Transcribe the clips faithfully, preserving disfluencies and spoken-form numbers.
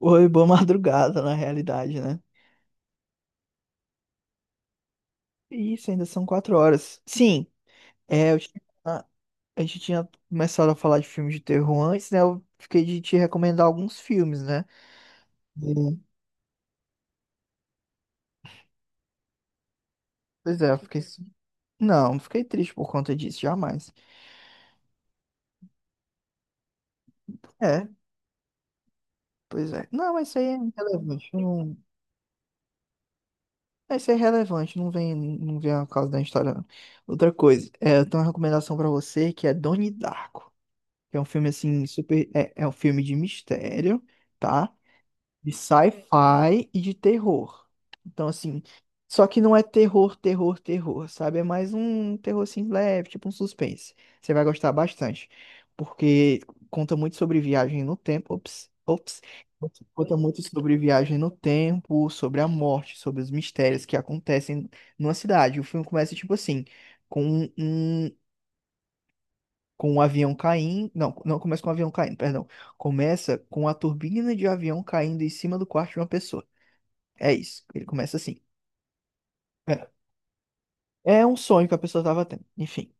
Oi, boa madrugada, na realidade, né? Isso, ainda são quatro horas. Sim, é, eu tinha- a gente tinha começado a falar de filmes de terror antes, né? Eu fiquei de te recomendar alguns filmes, né? E- Pois é, eu fiquei. Não, não fiquei triste por conta disso, jamais. É, pois é. Não, mas isso aí é irrelevante. Não. Isso aí é relevante, não vem, não vem a causa da história. Não. Outra coisa, é, eu tenho uma recomendação pra você que é Donnie Darko, que é um filme assim, super. É, é um filme de mistério. Tá? De sci-fi e de terror. Então, assim, só que não é terror, terror, terror, sabe? É mais um terror assim leve, tipo um suspense. Você vai gostar bastante, porque conta muito sobre viagem no tempo. Ops, ops. Conta muito sobre viagem no tempo, sobre a morte, sobre os mistérios que acontecem numa cidade. O filme começa tipo assim, com um, um, com um avião caindo. Não, não começa com um avião caindo, perdão. Começa com a turbina de avião caindo em cima do quarto de uma pessoa. É isso. Ele começa assim. É, é um sonho que a pessoa tava tendo. Enfim.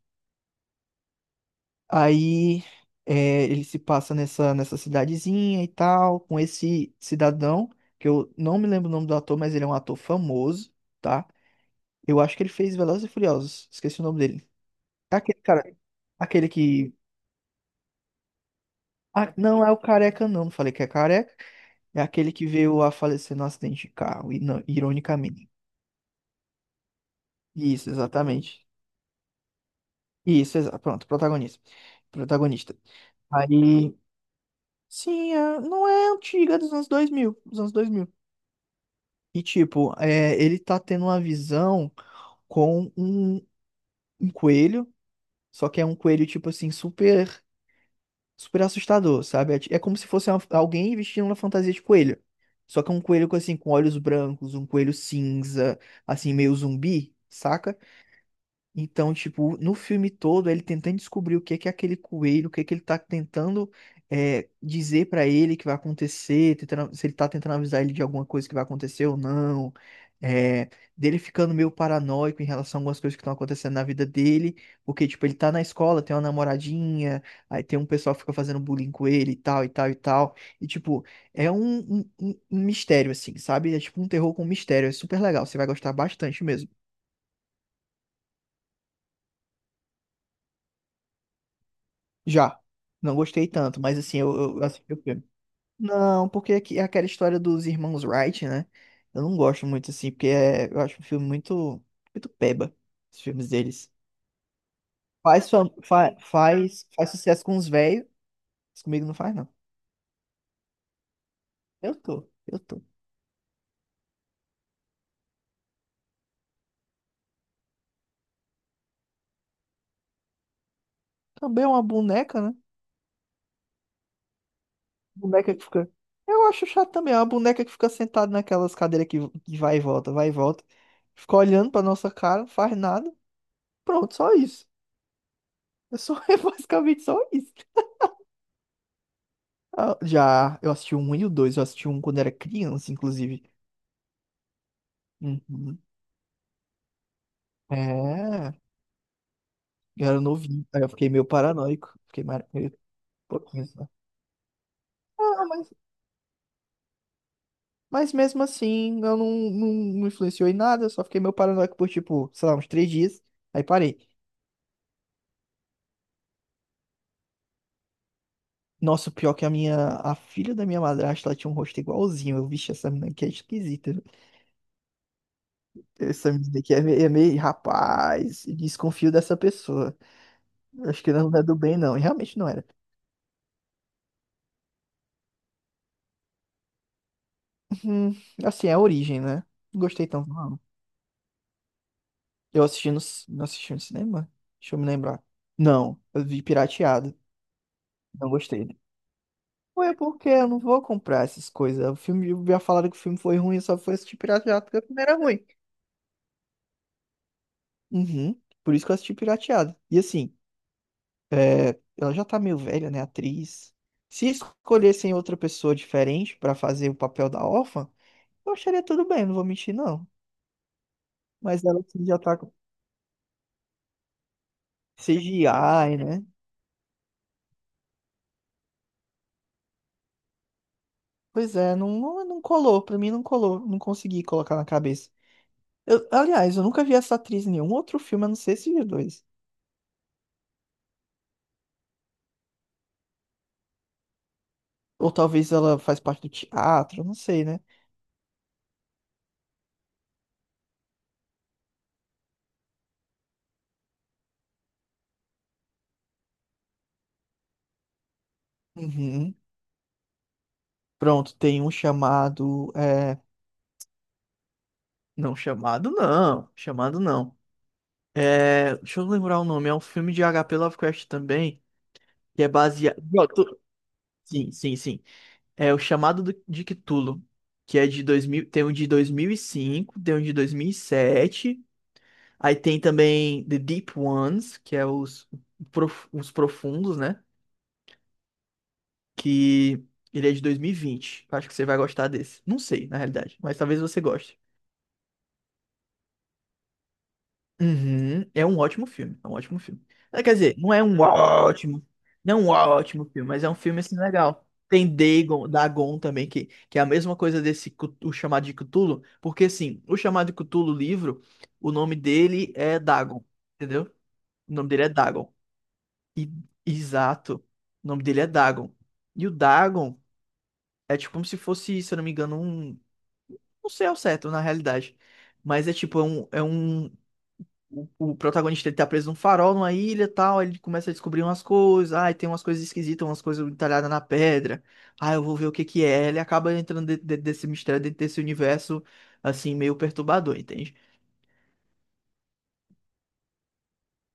Aí, é, ele se passa nessa, nessa cidadezinha e tal, com esse cidadão, que eu não me lembro o nome do ator, mas ele é um ator famoso, tá? Eu acho que ele fez Velozes e Furiosos. Esqueci o nome dele. É aquele cara. Aquele que. Ah, não é o careca, não. Não falei que é careca. É aquele que veio a falecer no acidente de carro, e não- ironicamente. Isso, exatamente. Isso, exa- pronto, protagonista. Protagonista. Aí, sim, é- não é antiga, é dos anos dois mil dos anos dois mil. E tipo, é, ele tá tendo uma visão com um, um coelho, só que é um coelho tipo assim super super assustador, sabe? É, ti- é como se fosse uma- alguém vestindo uma fantasia de coelho. Só que é um coelho com assim com olhos brancos, um coelho cinza, assim meio zumbi, saca? Então, tipo, no filme todo, ele tentando descobrir o que que é aquele coelho, o que que ele tá tentando é, dizer pra ele que vai acontecer, tentando- se ele tá tentando avisar ele de alguma coisa que vai acontecer ou não, é, dele ficando meio paranoico em relação a algumas coisas que estão acontecendo na vida dele, porque, tipo, ele tá na escola, tem uma namoradinha, aí tem um pessoal que fica fazendo bullying com ele e tal, e tal, e tal, e, tipo, é um, um, um um mistério, assim, sabe? É tipo um terror com mistério, é super legal, você vai gostar bastante mesmo. Já. Não gostei tanto, mas assim, eu, eu assisti o filme. Não, porque aqui é aquela história dos irmãos Wright, né? Eu não gosto muito assim, porque é- eu acho um filme muito, muito peba, os filmes deles. Faz, fam- fa- faz, faz sucesso com os velhos, mas comigo não faz, não. Eu tô, eu tô. Também é uma boneca, né? Boneca que fica. Eu acho chato também, é uma boneca que fica sentada naquelas cadeiras que, que vai e volta, vai e volta. Fica olhando pra nossa cara, não faz nada. Pronto, só isso. É só, é basicamente só isso. Ah, já, eu assisti o um e o dois, eu assisti um quando era criança, inclusive. Uhum. É, eu era novinho, aí eu fiquei meio paranoico, fiquei mar- meio pouquinho só. Ah, mas, mas mesmo assim, eu não, não, não influenciou em nada, eu só fiquei meio paranoico por, tipo, sei lá, uns três dias, aí parei. Nossa, o pior é que a minha, a filha da minha madrasta, ela tinha um rosto igualzinho, eu, vixe, essa menina aqui é esquisita, né? Essa menina aqui é meio, é meio, rapaz, desconfio dessa pessoa, acho que ela não é do bem não, e realmente não era. Hum, assim, é a origem, né? Não gostei tanto, não. Eu assisti no, ci- não assisti no cinema? Deixa eu me lembrar. Não, eu vi pirateado. Não gostei. Ué, porque eu não vou comprar essas coisas. O filme, já falaram que o filme foi ruim, eu só fui assistir pirateado porque o filme era ruim. Uhum, por isso que eu assisti pirateado. E assim, é, ela já tá meio velha, né, a atriz. Se escolhessem outra pessoa diferente pra fazer o papel da órfã, eu acharia tudo bem, não vou mentir, não. Mas ela assim, já tá com C G I, né? Pois é, não, não, não colou, pra mim não colou, não consegui colocar na cabeça. Eu- aliás, eu nunca vi essa atriz em nenhum outro filme, a não ser esses dois. Ou talvez ela faz parte do teatro, eu não sei, né? Uhum. Pronto, tem um chamado. é, Não, chamado não, chamado não. É, deixa eu lembrar o nome, é um filme de H P. Lovecraft também, que é baseado. Pronto, sim, sim, sim. É o Chamado do- de Cthulhu, que é de dois mil, tem um de dois mil e cinco, tem um de dois mil e sete. Aí tem também The Deep Ones, que é os, prof- os profundos, né? Que ele é de dois mil e vinte. Acho que você vai gostar desse. Não sei, na realidade, mas talvez você goste. Uhum. É um ótimo filme, é um ótimo filme. Ah, quer dizer, não é um ótimo, não é um ótimo filme, mas é um filme assim legal. Tem Dagon, Dagon também, que, que é a mesma coisa desse Cu- o chamado de Cthulhu, porque assim, o chamado de Cthulhu livro, o nome dele é Dagon, entendeu? O nome dele é Dagon. E- Exato. O nome dele é Dagon. E o Dagon é tipo como se fosse, se eu não me engano, um. Não sei ao certo, na realidade. Mas é tipo, é um. É um. O, o protagonista ele tá preso num farol, numa ilha e tal. Aí ele começa a descobrir umas coisas. Ai, tem umas coisas esquisitas, umas coisas entalhadas na pedra. Ah, eu vou ver o que que é. Ele acaba entrando dentro de- desse mistério, dentro desse universo, assim, meio perturbador, entende?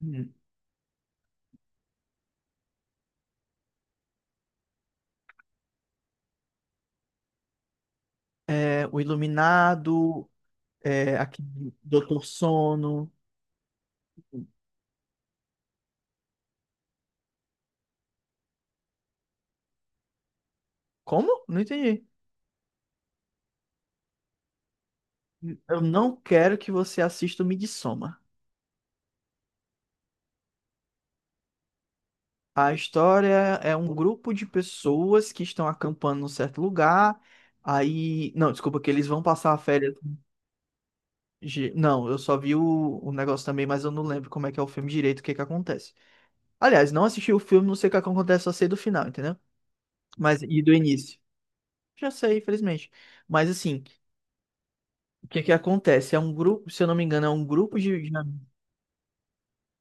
Hum. É, o Iluminado, é, aquele Doutor Sono. Como? Não entendi. Eu não quero que você assista o Midsommar. A história é um grupo de pessoas que estão acampando num certo lugar. Aí. Não, desculpa, que eles vão passar a férias. de- Não, eu só vi o, o negócio também, mas eu não lembro como é que é o filme direito, o que é que acontece. Aliás, não assisti o filme, não sei o que acontece, só sei do final, entendeu? Mas e do início? Já sei, infelizmente. Mas assim, o que é que acontece? É um grupo, se eu não me engano, é um grupo de, de.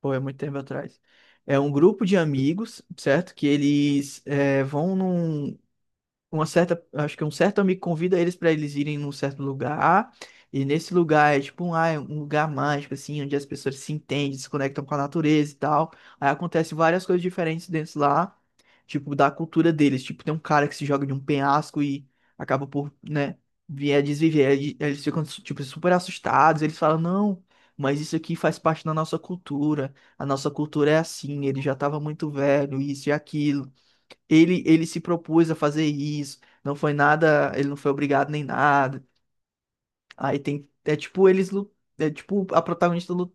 Pô, é muito tempo atrás. É um grupo de amigos, certo? Que eles eh, vão num, uma certa, acho que um certo amigo convida eles pra eles irem num certo lugar, e nesse lugar é tipo um, ah, é um lugar mágico assim, onde as pessoas se entendem, se conectam com a natureza e tal. Aí acontece várias coisas diferentes dentro lá, tipo da cultura deles, tipo tem um cara que se joga de um penhasco e acaba por, né, vir a desviver. Aí eles ficam tipo super assustados, eles falam, não, mas isso aqui faz parte da nossa cultura. A nossa cultura é assim. Ele já estava muito velho, isso e aquilo. Ele, ele se propôs a fazer isso, não foi nada, ele não foi obrigado nem nada. Aí tem, é tipo eles, lu- é tipo a protagonista, lu-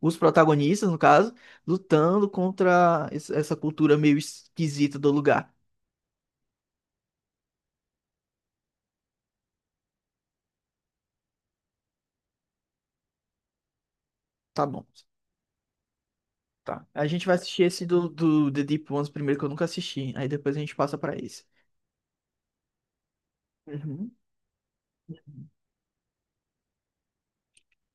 os protagonistas, no caso, lutando contra es- essa cultura meio esquisita do lugar. Tá bom, tá. A gente vai assistir esse do, do The Deep Ones primeiro, que eu nunca assisti, aí depois a gente passa pra esse. Uhum.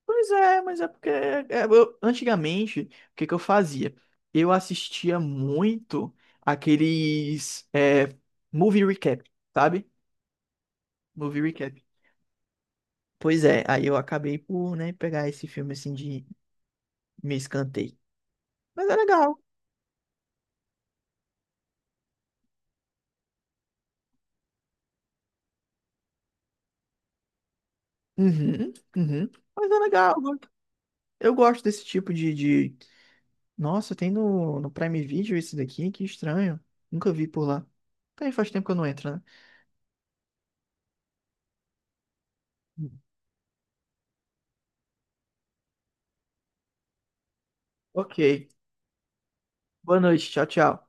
Pois é, mas é porque é, eu- antigamente, o que que eu fazia? Eu assistia muito aqueles é, movie recap, sabe? Movie recap. Pois é, aí eu acabei por, né, pegar esse filme assim de me escanteio. Mas é legal. Uhum, uhum. Mas é legal. Eu gosto eu gosto desse tipo de, de... Nossa, tem no, no Prime Video esse daqui? Que estranho. Nunca vi por lá. Também faz tempo que eu não entro, né? Hum. Ok. Boa noite. Tchau, tchau.